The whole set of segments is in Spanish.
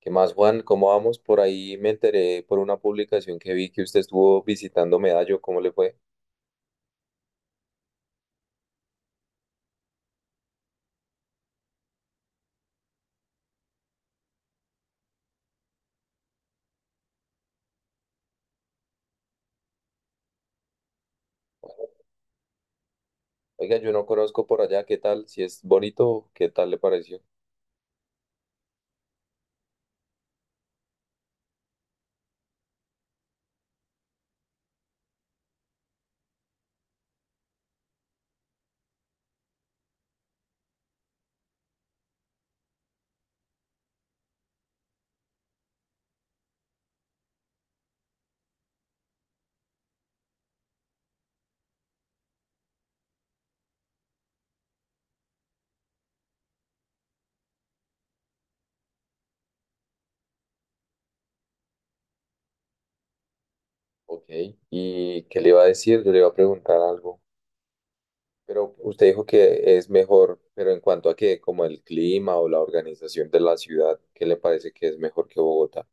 ¿Qué más, Juan? ¿Cómo vamos? Por ahí me enteré por una publicación que vi que usted estuvo visitando Medallo. ¿Cómo le fue? Bueno, oiga, yo no conozco por allá. ¿Qué tal? Si es bonito, ¿qué tal le pareció? Ok. ¿Y qué le iba a decir? Yo le iba a preguntar algo. Pero usted dijo que es mejor, pero en cuanto a qué, como el clima o la organización de la ciudad, ¿qué le parece que es mejor que Bogotá?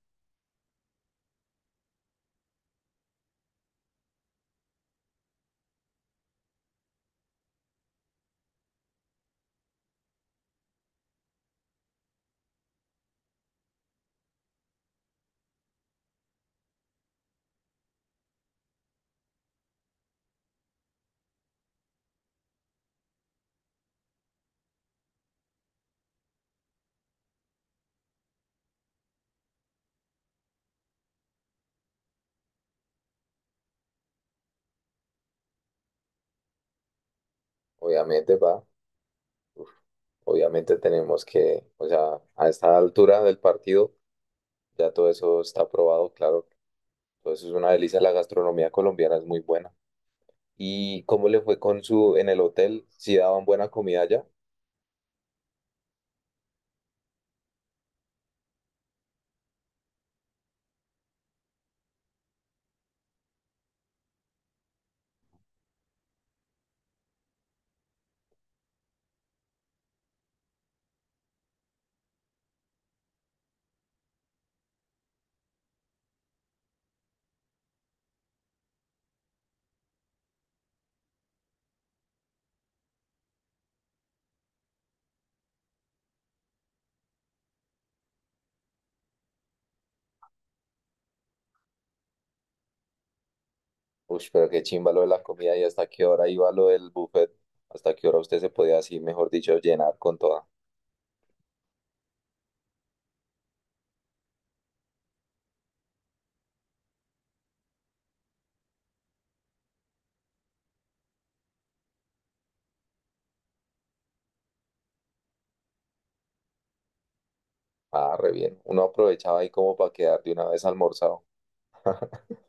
Obviamente, va. Uf, obviamente tenemos que, o sea, a esta altura del partido, ya todo eso está aprobado, claro. Entonces es una delicia, la gastronomía colombiana es muy buena. ¿Y cómo le fue con su en el hotel? ¿Si daban buena comida allá? Uy, pero qué chimba lo de la comida y hasta qué hora iba lo del buffet, hasta qué hora usted se podía así, mejor dicho, llenar con toda. Ah, re bien. Uno aprovechaba ahí como para quedar de una vez almorzado.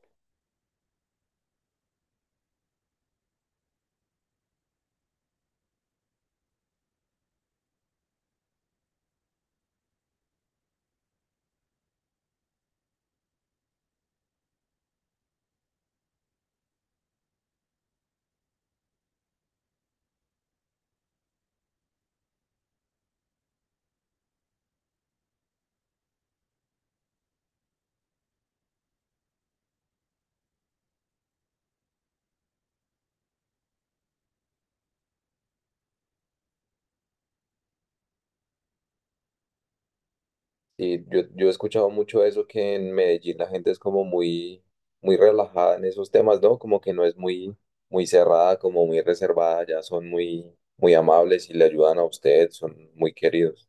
Sí, yo he escuchado mucho eso que en Medellín la gente es como muy, muy relajada en esos temas, ¿no? Como que no es muy, muy cerrada, como muy reservada, ya son muy, muy amables y le ayudan a usted, son muy queridos.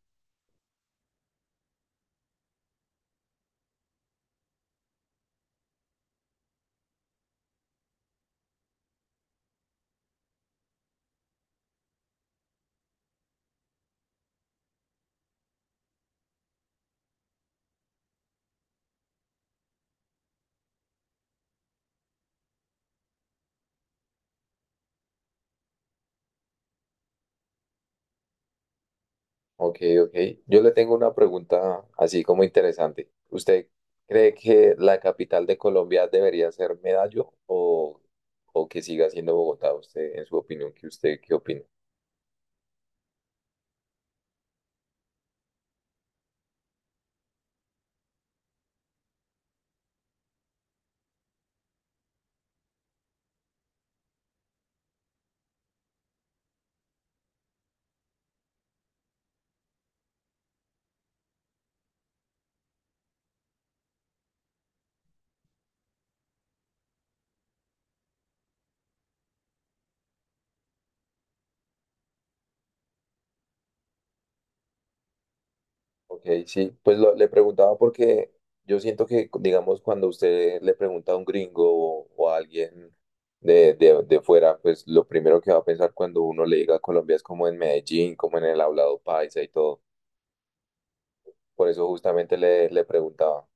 Ok, ok. Yo le tengo una pregunta así como interesante. ¿Usted cree que la capital de Colombia debería ser Medallo o que siga siendo Bogotá? Usted, en su opinión, ¿qué usted qué opina? Ok, sí, pues le preguntaba porque yo siento que, digamos, cuando usted le pregunta a un gringo o a alguien de fuera, pues lo primero que va a pensar cuando uno le diga Colombia es como en Medellín, como en el hablado paisa y todo. Por eso justamente le preguntaba.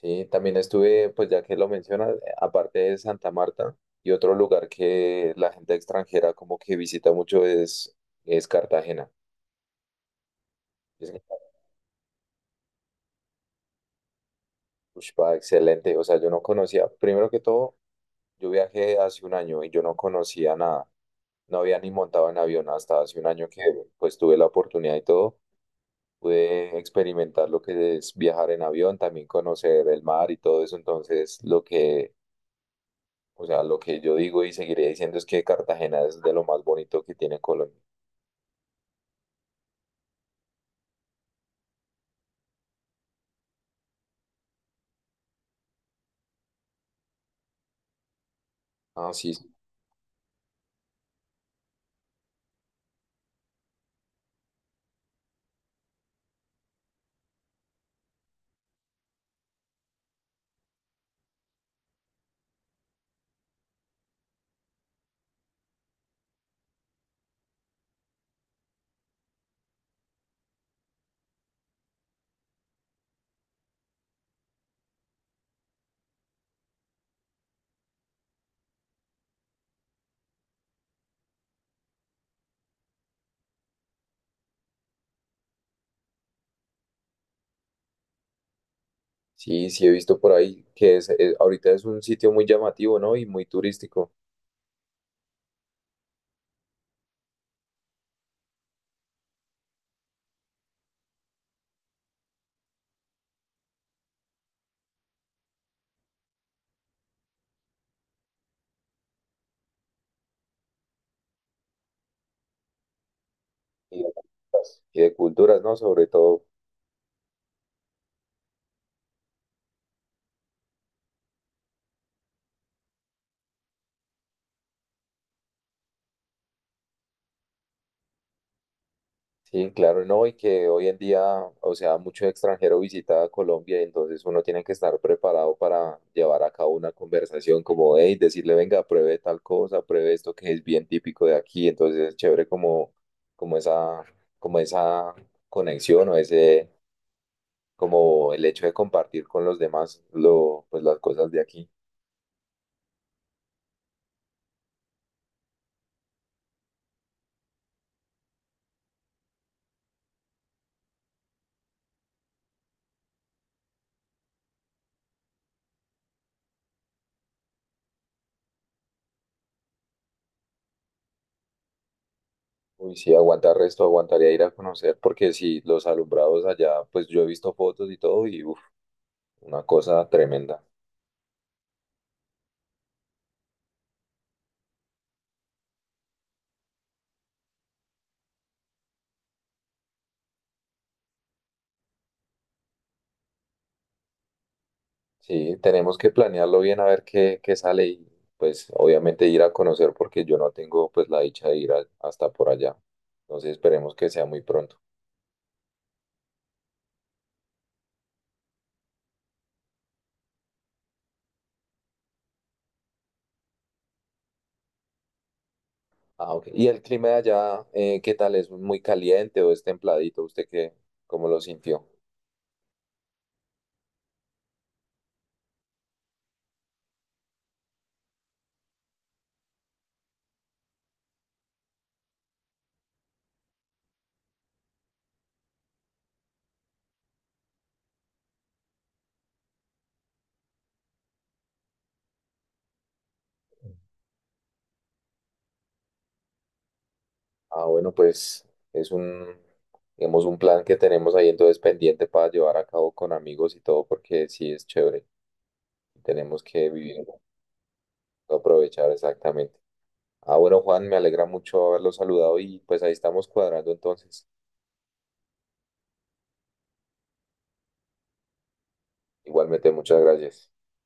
Sí, también estuve, pues ya que lo mencionas, aparte de Santa Marta, y otro lugar que la gente extranjera como que visita mucho es Cartagena. Es que, ush, pa, excelente, o sea, yo no conocía, primero que todo. Yo viajé hace un año y yo no conocía nada. No había ni montado en avión hasta hace un año que pues tuve la oportunidad y todo. Pude experimentar lo que es viajar en avión, también conocer el mar y todo eso. Entonces, lo que, o sea, lo que yo digo y seguiré diciendo es que Cartagena es de lo más bonito que tiene Colombia. Ah, sí, sí, sí, sí he visto por ahí que ahorita es un sitio muy llamativo, ¿no? Y muy turístico. Y de culturas, ¿no? Sobre todo sí, claro, no, y que hoy en día, o sea, mucho extranjero visita a Colombia, y entonces uno tiene que estar preparado para llevar a cabo una conversación como, hey, decirle, venga, pruebe tal cosa, pruebe esto que es bien típico de aquí, entonces es chévere como, como esa, como esa conexión o ese, como el hecho de compartir con los demás lo, pues las cosas de aquí. Uy, sí, aguantar resto, aguantaría ir a conocer, porque sí, los alumbrados allá, pues yo he visto fotos y todo, y uf, una cosa tremenda. Sí, tenemos que planearlo bien a ver qué, qué sale y pues obviamente ir a conocer porque yo no tengo pues la dicha de hasta por allá. Entonces esperemos que sea muy pronto. Ah, ok. ¿Y el clima de allá, qué tal? ¿Es muy caliente o es templadito? ¿Usted qué, cómo lo sintió? Ah, bueno, pues es un, digamos, un plan que tenemos ahí entonces pendiente para llevar a cabo con amigos y todo porque sí es chévere. Tenemos que vivir, aprovechar exactamente. Ah, bueno, Juan, me alegra mucho haberlo saludado y pues ahí estamos cuadrando entonces. Igualmente, muchas gracias.